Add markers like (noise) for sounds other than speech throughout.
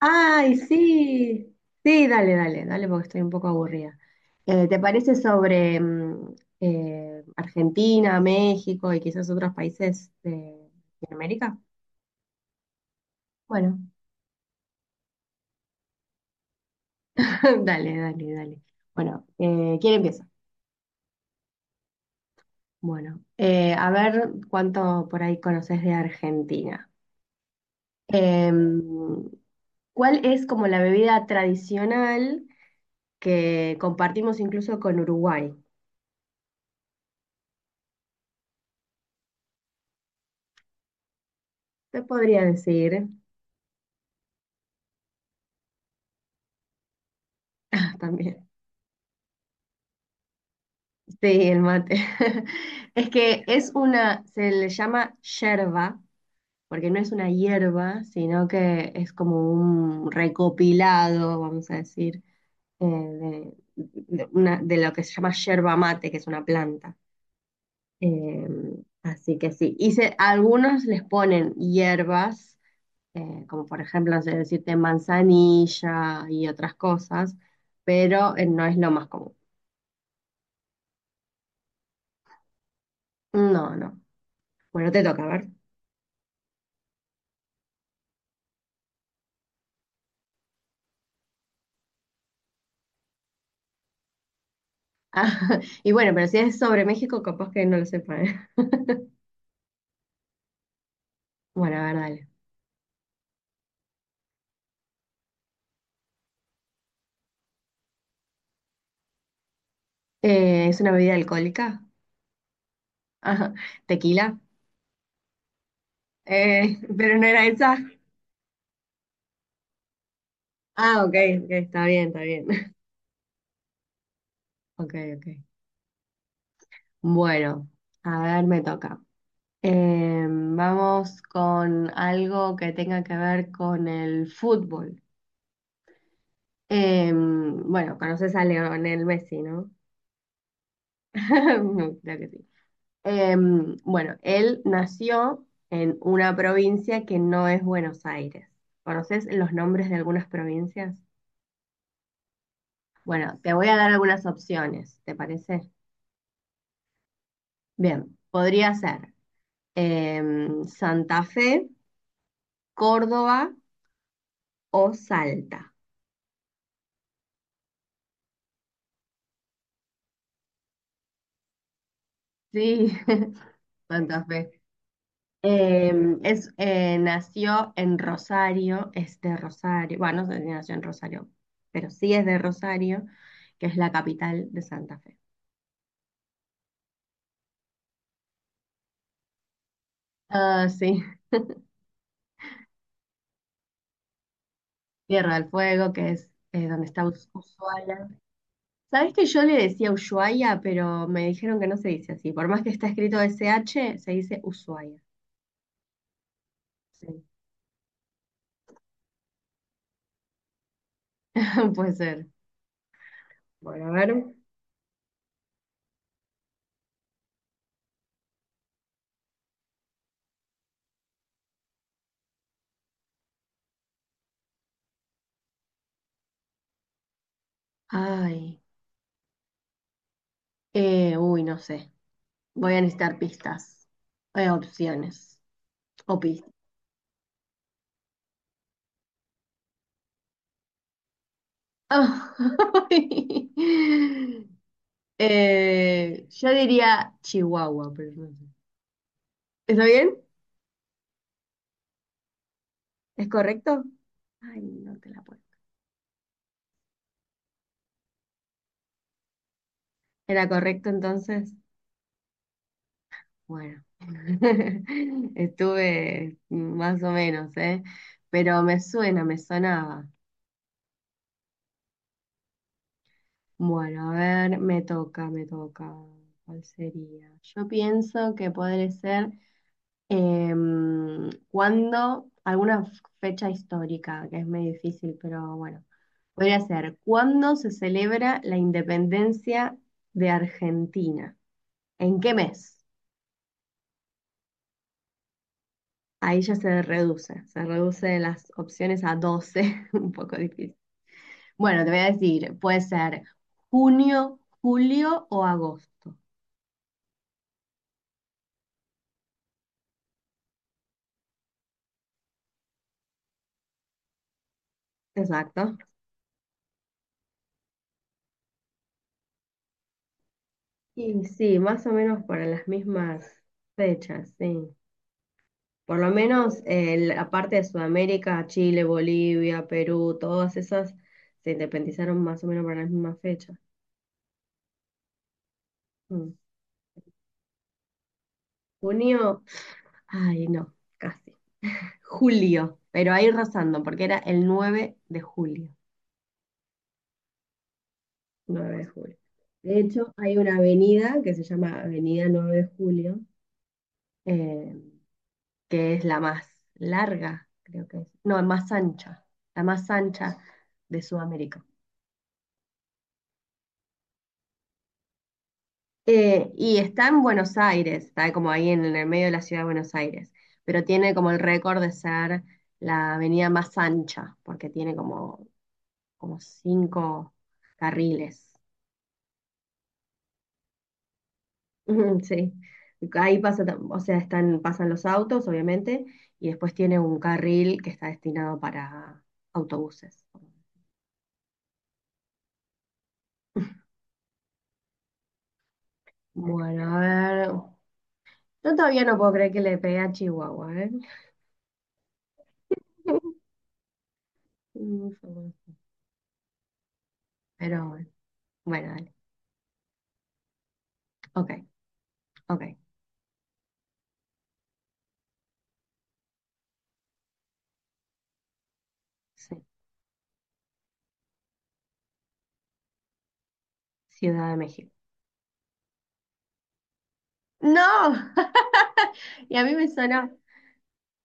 Ay, sí, sí, dale, dale, dale, porque estoy un poco aburrida. ¿Te parece sobre Argentina, México y quizás otros países de Latinoamérica? Bueno, (laughs) dale, dale, dale. Bueno, ¿quién empieza? Bueno, a ver cuánto por ahí conoces de Argentina. Em, ¿Cuál es como la bebida tradicional que compartimos incluso con Uruguay? Te podría decir (laughs) también. Sí, el mate. (laughs) Es que es una, se le llama yerba, porque no es una hierba, sino que es como un recopilado, vamos a decir, de lo que se llama yerba mate, que es una planta. Eh, Así que sí. Y a algunos les ponen hierbas, como por ejemplo, no sé decirte manzanilla y otras cosas, pero no es lo más común. No, no. Bueno, te toca, a ver. Ah, (laughs) y bueno, pero si es sobre México, capaz que no lo sepa, ¿eh? (laughs) Bueno, a ver, dale. ¿Es una bebida alcohólica? Ajá, tequila. (laughs) Pero no era esa. Ah, ok, ok, está bien, está bien. (laughs) Ok, ok. Bueno, a ver, me toca. Vamos con algo que tenga que ver con el fútbol. Bueno, conoces a Lionel Messi, ¿no? (laughs) No, creo que sí. Bueno, él nació en una provincia que no es Buenos Aires. ¿Conoces los nombres de algunas provincias? Bueno, te voy a dar algunas opciones, ¿te parece? Bien, podría ser Santa Fe, Córdoba o Salta. Sí, (laughs) Santa Fe. Nació en Rosario, es de Rosario, bueno, no sé si nació en Rosario, pero sí es de Rosario, que es la capital de Santa Fe. Ah, sí, Tierra del Fuego, que es donde está Ushuaia. ¿Sabés que yo le decía Ushuaia, pero me dijeron que no se dice así? Por más que está escrito SH, se dice Ushuaia. Sí, (laughs) puede ser. Bueno, a ver. Ay, uy, no sé. Voy a necesitar pistas, opciones o pistas. (laughs) Yo diría Chihuahua, pero no sé. ¿Está bien? ¿Es correcto? Ay, no te la puedo. ¿Era correcto entonces? Bueno, (laughs) estuve más o menos, ¿eh? Pero me suena, me sonaba. Bueno, a ver, me toca, me toca. ¿Cuál sería? Yo pienso que podría ser alguna fecha histórica, que es muy difícil, pero bueno, podría ser, ¿cuándo se celebra la independencia de Argentina? ¿En qué mes? Ahí ya se reduce, de las opciones a 12, (laughs) un poco difícil. Bueno, te voy a decir, puede ser junio, julio o agosto. Exacto. Y sí, más o menos para las mismas fechas, sí. Por lo menos la parte de Sudamérica, Chile, Bolivia, Perú, todas esas se independizaron más o menos para las mismas fechas. Mm. Junio, ay no, casi. Julio, pero ahí rozando, porque era el 9 de julio. 9 de julio. De hecho, hay una avenida que se llama Avenida 9 de Julio, eh, que es la más larga, creo que es. No, más ancha, la más ancha de Sudamérica. Y está en Buenos Aires, está como ahí en el medio de la ciudad de Buenos Aires, pero tiene como el récord de ser la avenida más ancha, porque tiene como, cinco carriles. Ujú, sí, ahí pasa, o sea, están, pasan los autos, obviamente, y después tiene un carril que está destinado para autobuses. Bueno, a ver, yo todavía no puedo creer que le pegué a Chihuahua, ¿eh? Fue bueno. Pero bueno, bueno, dale, ok, ok, sí, Ciudad de México. ¡No! (laughs) Y a mí me suena,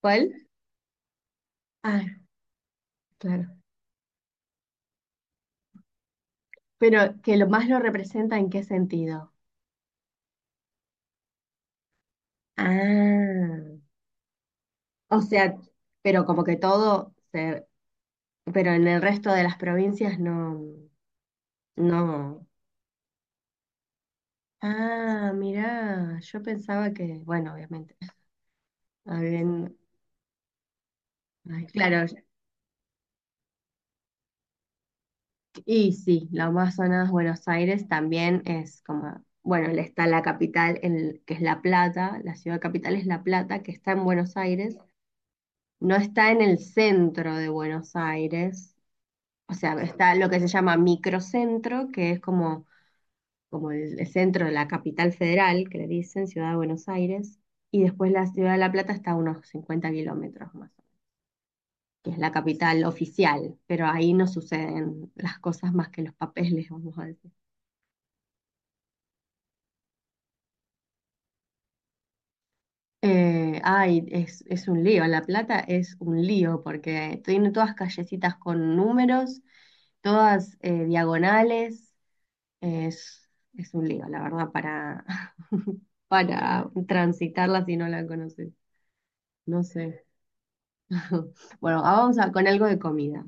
¿cuál? Ah, claro, pero que lo más lo representa en qué sentido. Ah, o sea, pero como que todo se, pero en el resto de las provincias no, no. Ah, mirá, yo pensaba que, bueno, obviamente, habían- ay, claro, y sí, la más sonada es Buenos Aires, también es como, bueno, le está la capital, que es La Plata, la ciudad capital es La Plata, que está en Buenos Aires, no está en el centro de Buenos Aires, o sea, está lo que se llama microcentro, que es como el centro de la capital federal, que le dicen Ciudad de Buenos Aires, y después la Ciudad de La Plata está a unos 50 kilómetros más, que es la capital oficial, pero ahí no suceden las cosas más que los papeles, (laughs) vamos a decir. Ay, es un lío, La Plata es un lío porque tiene todas callecitas con números, todas diagonales, es, es un lío, la verdad, para, (laughs) para transitarla si no la conoces. No sé. (laughs) Bueno, ahora con algo de comida.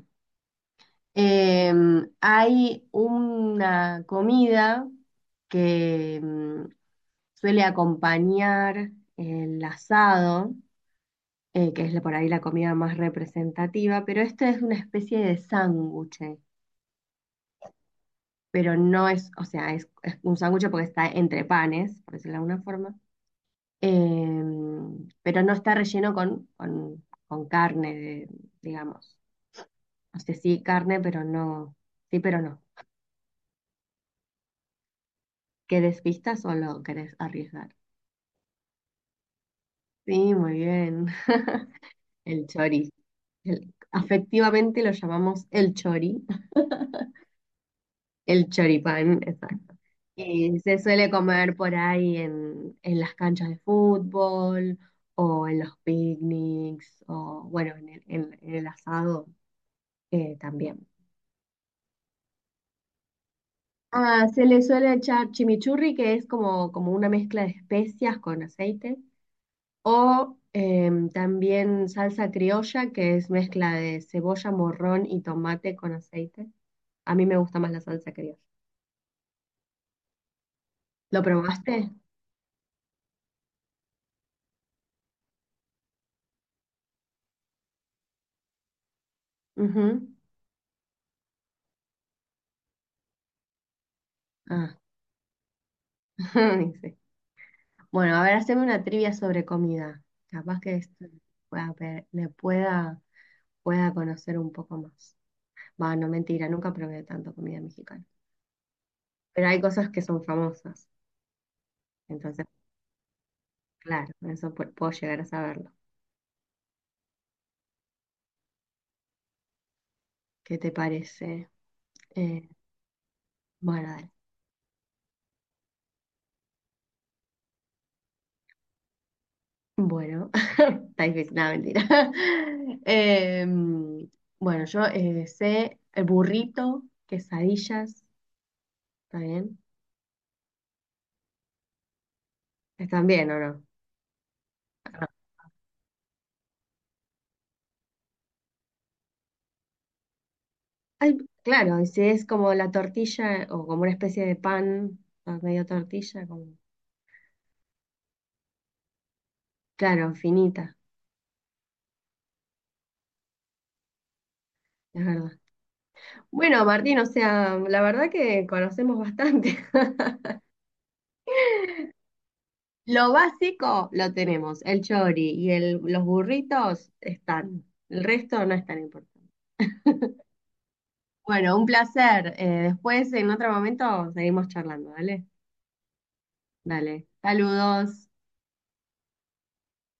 Hay una comida que suele acompañar el asado, que es por ahí la comida más representativa, pero esta es una especie de sándwich, pero no es, o sea, es un sándwich porque está entre panes, por decirlo de alguna forma, pero no está relleno con, carne, digamos. O sea, sí, carne, pero no. Sí, pero no. ¿Querés pistas o lo querés arriesgar? Sí, muy bien. El chori. Afectivamente lo llamamos el chori. El choripán, exacto. Y se suele comer por ahí en, las canchas de fútbol o en los picnics o, bueno, en el asado también. Ah, se le suele echar chimichurri, que es como, una mezcla de especias con aceite. O también salsa criolla, que es mezcla de cebolla, morrón y tomate con aceite. A mí me gusta más la salsa criolla. ¿Lo probaste? Ujú. Ah, (laughs) sí. Bueno, a ver, haceme una trivia sobre comida. Capaz que esto pueda pe- le pueda, pueda conocer un poco más. Bueno, mentira, nunca probé tanto comida mexicana. Pero hay cosas que son famosas. Entonces, claro, eso puedo llegar a saberlo. ¿Qué te parece? Eh, bueno, dale. Bueno, (laughs) está difícil, nada, mentira. (laughs) Em, bueno, yo sé el burrito, quesadillas, ¿está bien? ¿Están bien o no? Ah, ay, claro, y si es como la tortilla o como una especie de pan, o medio tortilla, como, claro, finita, es verdad. Bueno, Martín, o sea, la verdad que conocemos bastante. (laughs) Lo básico lo tenemos, el chori y los burritos están, el resto no es tan importante. Bueno, un placer. Después, en otro momento, seguimos charlando, ¿vale? Dale. Saludos.